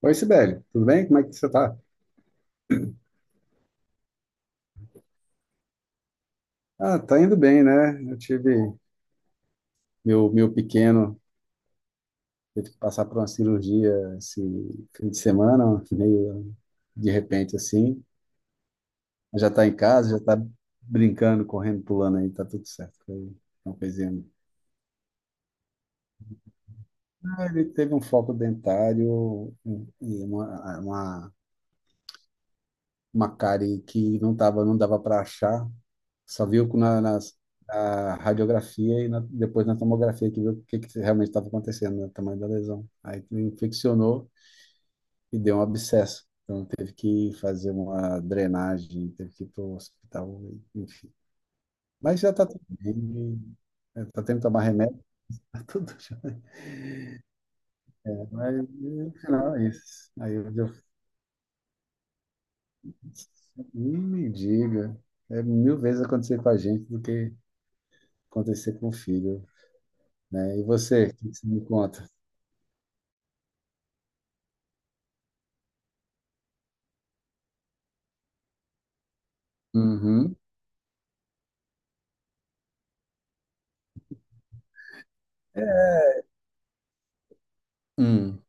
Oi, Sibeli, tudo bem? Como é que você tá? Ah, tá indo bem, né? Eu tive meu pequeno, teve que passar por uma cirurgia esse fim de semana, meio de repente assim. Já tá em casa, já tá brincando, correndo, pulando aí, tá tudo certo. Foi uma coisinha. Ah, ele teve um foco dentário e uma cárie que não tava, não dava para achar. Só viu na radiografia e depois na tomografia que viu que realmente estava acontecendo, né, o tamanho da lesão. Aí infeccionou e deu um abscesso. Então teve que fazer uma drenagem, teve que ir para o hospital, enfim. Mas já está tudo bem. Está tendo que tomar remédio, tá tudo já. Mas no final é isso. Aí eu nem me diga. É mil vezes acontecer com a gente do que acontecer com o filho, né? E você, o que você me conta? Uhum. Hum.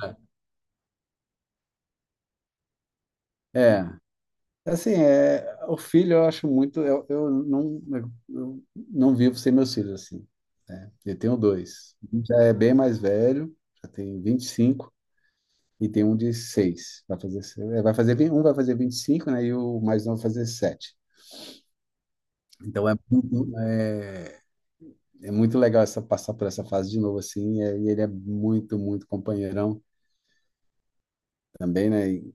Né? É, assim, o filho eu acho muito, eu não vivo sem meus filhos, assim, né? Eu tenho dois, um já é bem mais velho, já tem 25, e tem um de seis. Vai fazer, um vai fazer 25, né, e o mais novo vai fazer sete. Então é muito legal essa, passar por essa fase de novo, assim, e ele é muito, muito companheirão também, né, e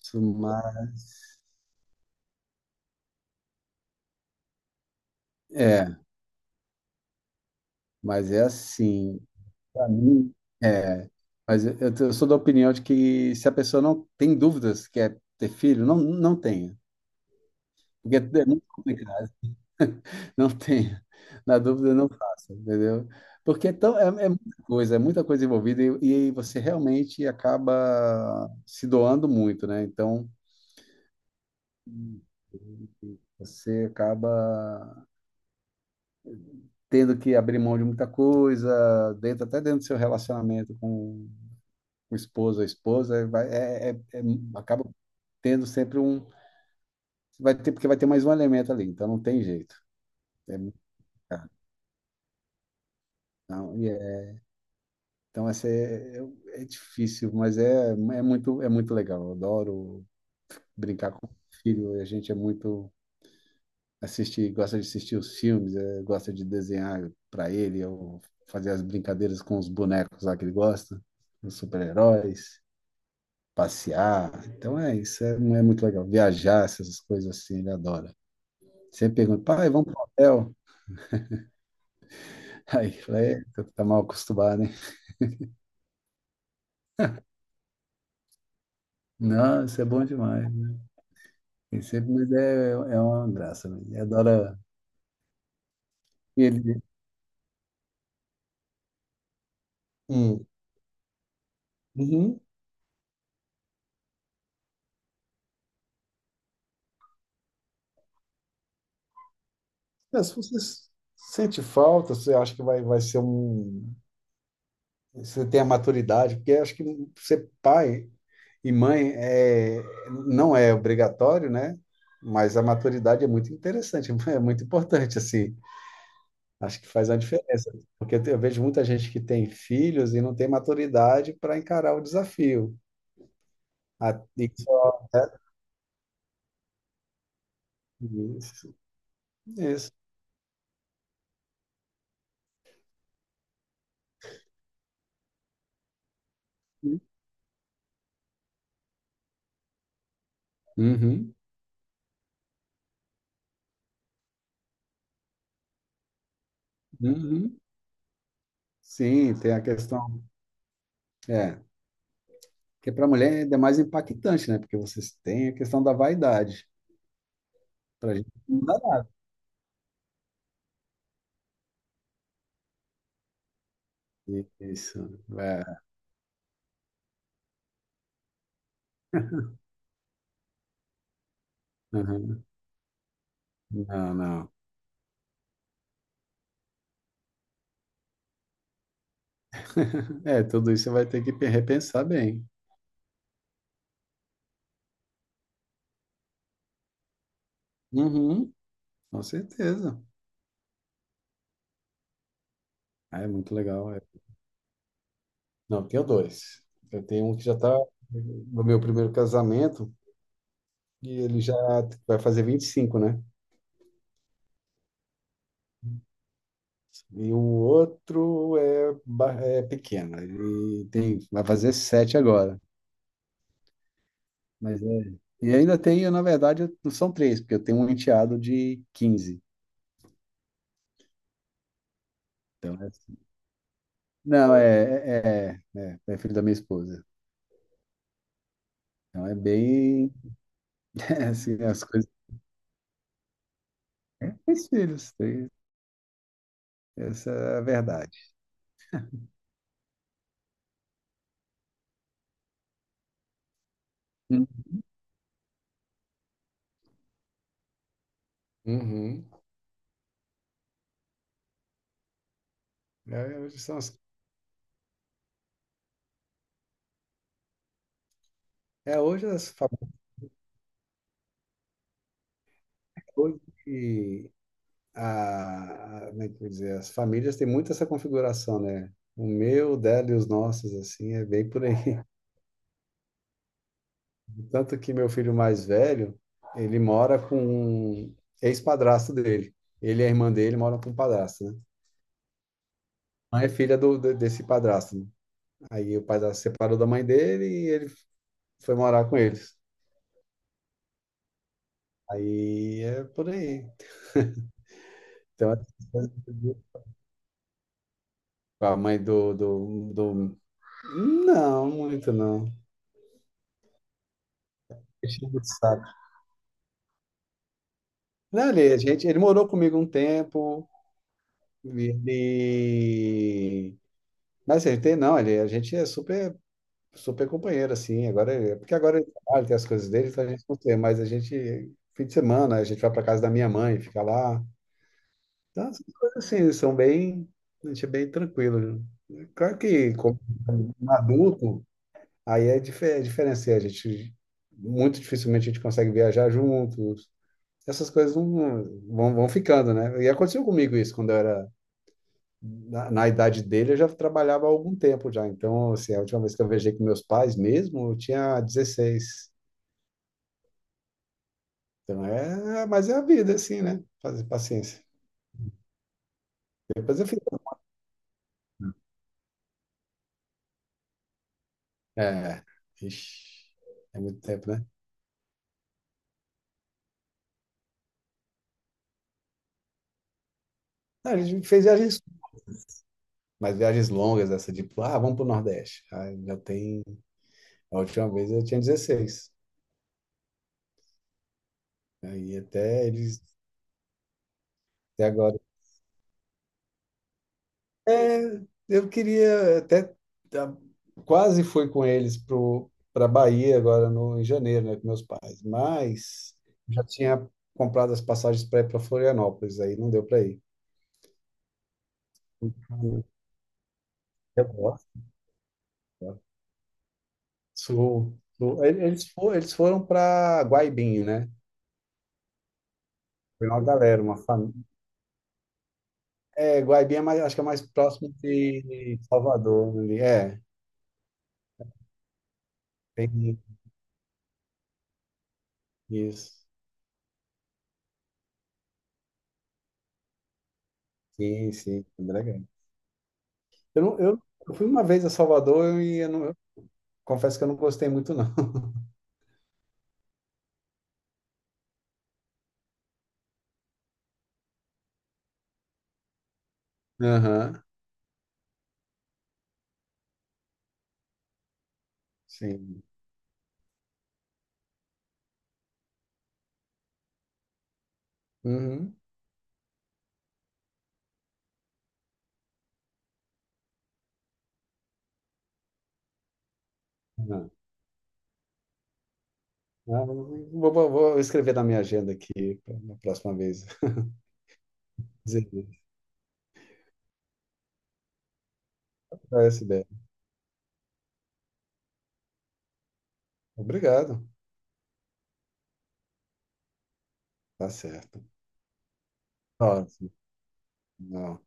isso, mas é, mas é assim. Pra mim, é, mas eu sou da opinião de que se a pessoa não tem dúvidas que é ter filho, não, não tenha. Porque é muito complicado. Não tenha. Na dúvida, não faça, entendeu? Porque é muita coisa, é muita coisa envolvida, e você realmente acaba se doando muito, né? Então, você acaba tendo que abrir mão de muita coisa, dentro, até dentro do seu relacionamento com o esposo, a esposa, vai, é, é, é- acaba tendo sempre um. Vai ter, porque vai ter mais um elemento ali, então não tem jeito. É muito caro. Então, então essa é difícil, mas é muito legal. Eu adoro brincar com o filho. A gente é muito assistir, gosta de assistir os filmes, gosta de desenhar para ele, eu fazer as brincadeiras com os bonecos lá que ele gosta, os super-heróis, passear. Então é isso, é muito legal. Viajar, essas coisas assim, ele adora. Sempre pergunta: pai, vamos pro hotel? Aí falei: "É, tu tá mal acostumado, hein?" Não, isso é bom demais. E sempre, mas é uma graça, né? Ele adora. E ele. Hum. Uhum. É, se você sente falta, você acha que vai ser um. Você tem a maturidade, porque acho que ser pai e mãe não é obrigatório, né? Mas a maturidade é muito interessante, é muito importante, assim. Acho que faz a diferença. Porque eu vejo muita gente que tem filhos e não tem maturidade para encarar o desafio. E é, isso, isso. Uhum, uhum. Sim, tem a questão. É, porque para a mulher é ainda mais impactante, né? Porque vocês têm a questão da vaidade. Para a gente não dá nada. Isso, é. Uhum. Não, não. É, tudo isso você vai ter que repensar bem. Uhum, com certeza. Ah, é muito legal. É. Não, eu tenho dois. Eu tenho um que já está no meu primeiro casamento e ele já vai fazer 25, né? E o outro é pequeno. Ele tem, vai fazer sete agora. Mas é. E ainda tenho, na verdade, não são três, porque eu tenho um enteado de 15. Então, é assim. Não, é filho da minha esposa. Então é bem é assim, as coisas. Três filhos, três. Essa é a verdade. Hum. Uhum. É, hoje são as, é, hoje as famílias. Como é que eu vou dizer, as famílias têm muito essa configuração, né? O meu, o dela e os nossos, assim, é bem por aí. Tanto que meu filho mais velho, ele mora com um ex-padrasto dele. Ele e a irmã dele moram com um padrasto, né? Mãe é filha do, desse padrasto, né? Aí o padrasto separou da mãe dele e ele foi morar com eles. Aí é por aí. Então, é essas coisas que eu digo. Com a mãe do. Não, muito não. Enchendo o saco. Não, ele, a gente, ele morou comigo um tempo, ele... Mas ele tem, não, ele, a gente é super, super companheiro, assim, agora, porque agora ele trabalha, tem as coisas dele, então a gente não tem, mas a gente, fim de semana, a gente vai para casa da minha mãe, fica lá, então essas coisas assim são bem, a gente é bem tranquilo. Claro que, como um adulto, aí é diferente, assim, a gente, muito dificilmente a gente consegue viajar juntos, essas coisas não, vão ficando, né? E aconteceu comigo isso quando eu era na idade dele, eu já trabalhava há algum tempo já. Então, assim, a última vez que eu viajei com meus pais mesmo, eu tinha 16. Então, mas é a vida, assim, né? Fazer paciência. Depois eu fiz. É, ixi, é muito tempo, né? Não, a gente fez viagens, mas viagens longas, essa, tipo, ah, vamos pro Nordeste. Aí já tem. A última vez eu tinha 16. Aí até eles. Até agora. É, eu queria até tá, quase fui com eles pro para Bahia agora no em janeiro, né, com meus pais, mas já tinha comprado as passagens para ir para Florianópolis, aí não deu para ir. Eu gosto, cara. Sul, sul. Eles foram para Guaibinho, né? Foi uma galera, uma família. É, Guaibinho é mais, acho que é mais próximo de Salvador ali. É, tem isso. Sim, sim, foi legal. Eu, não- eu fui uma vez a Salvador e eu não. Confesso que eu não gostei muito, não. Aham, sim. Uhum. Aham. Ah, vou escrever na minha agenda aqui na próxima vez. Dizer isso, pra essa ideia. Obrigado. Tá certo. Ótimo. Não.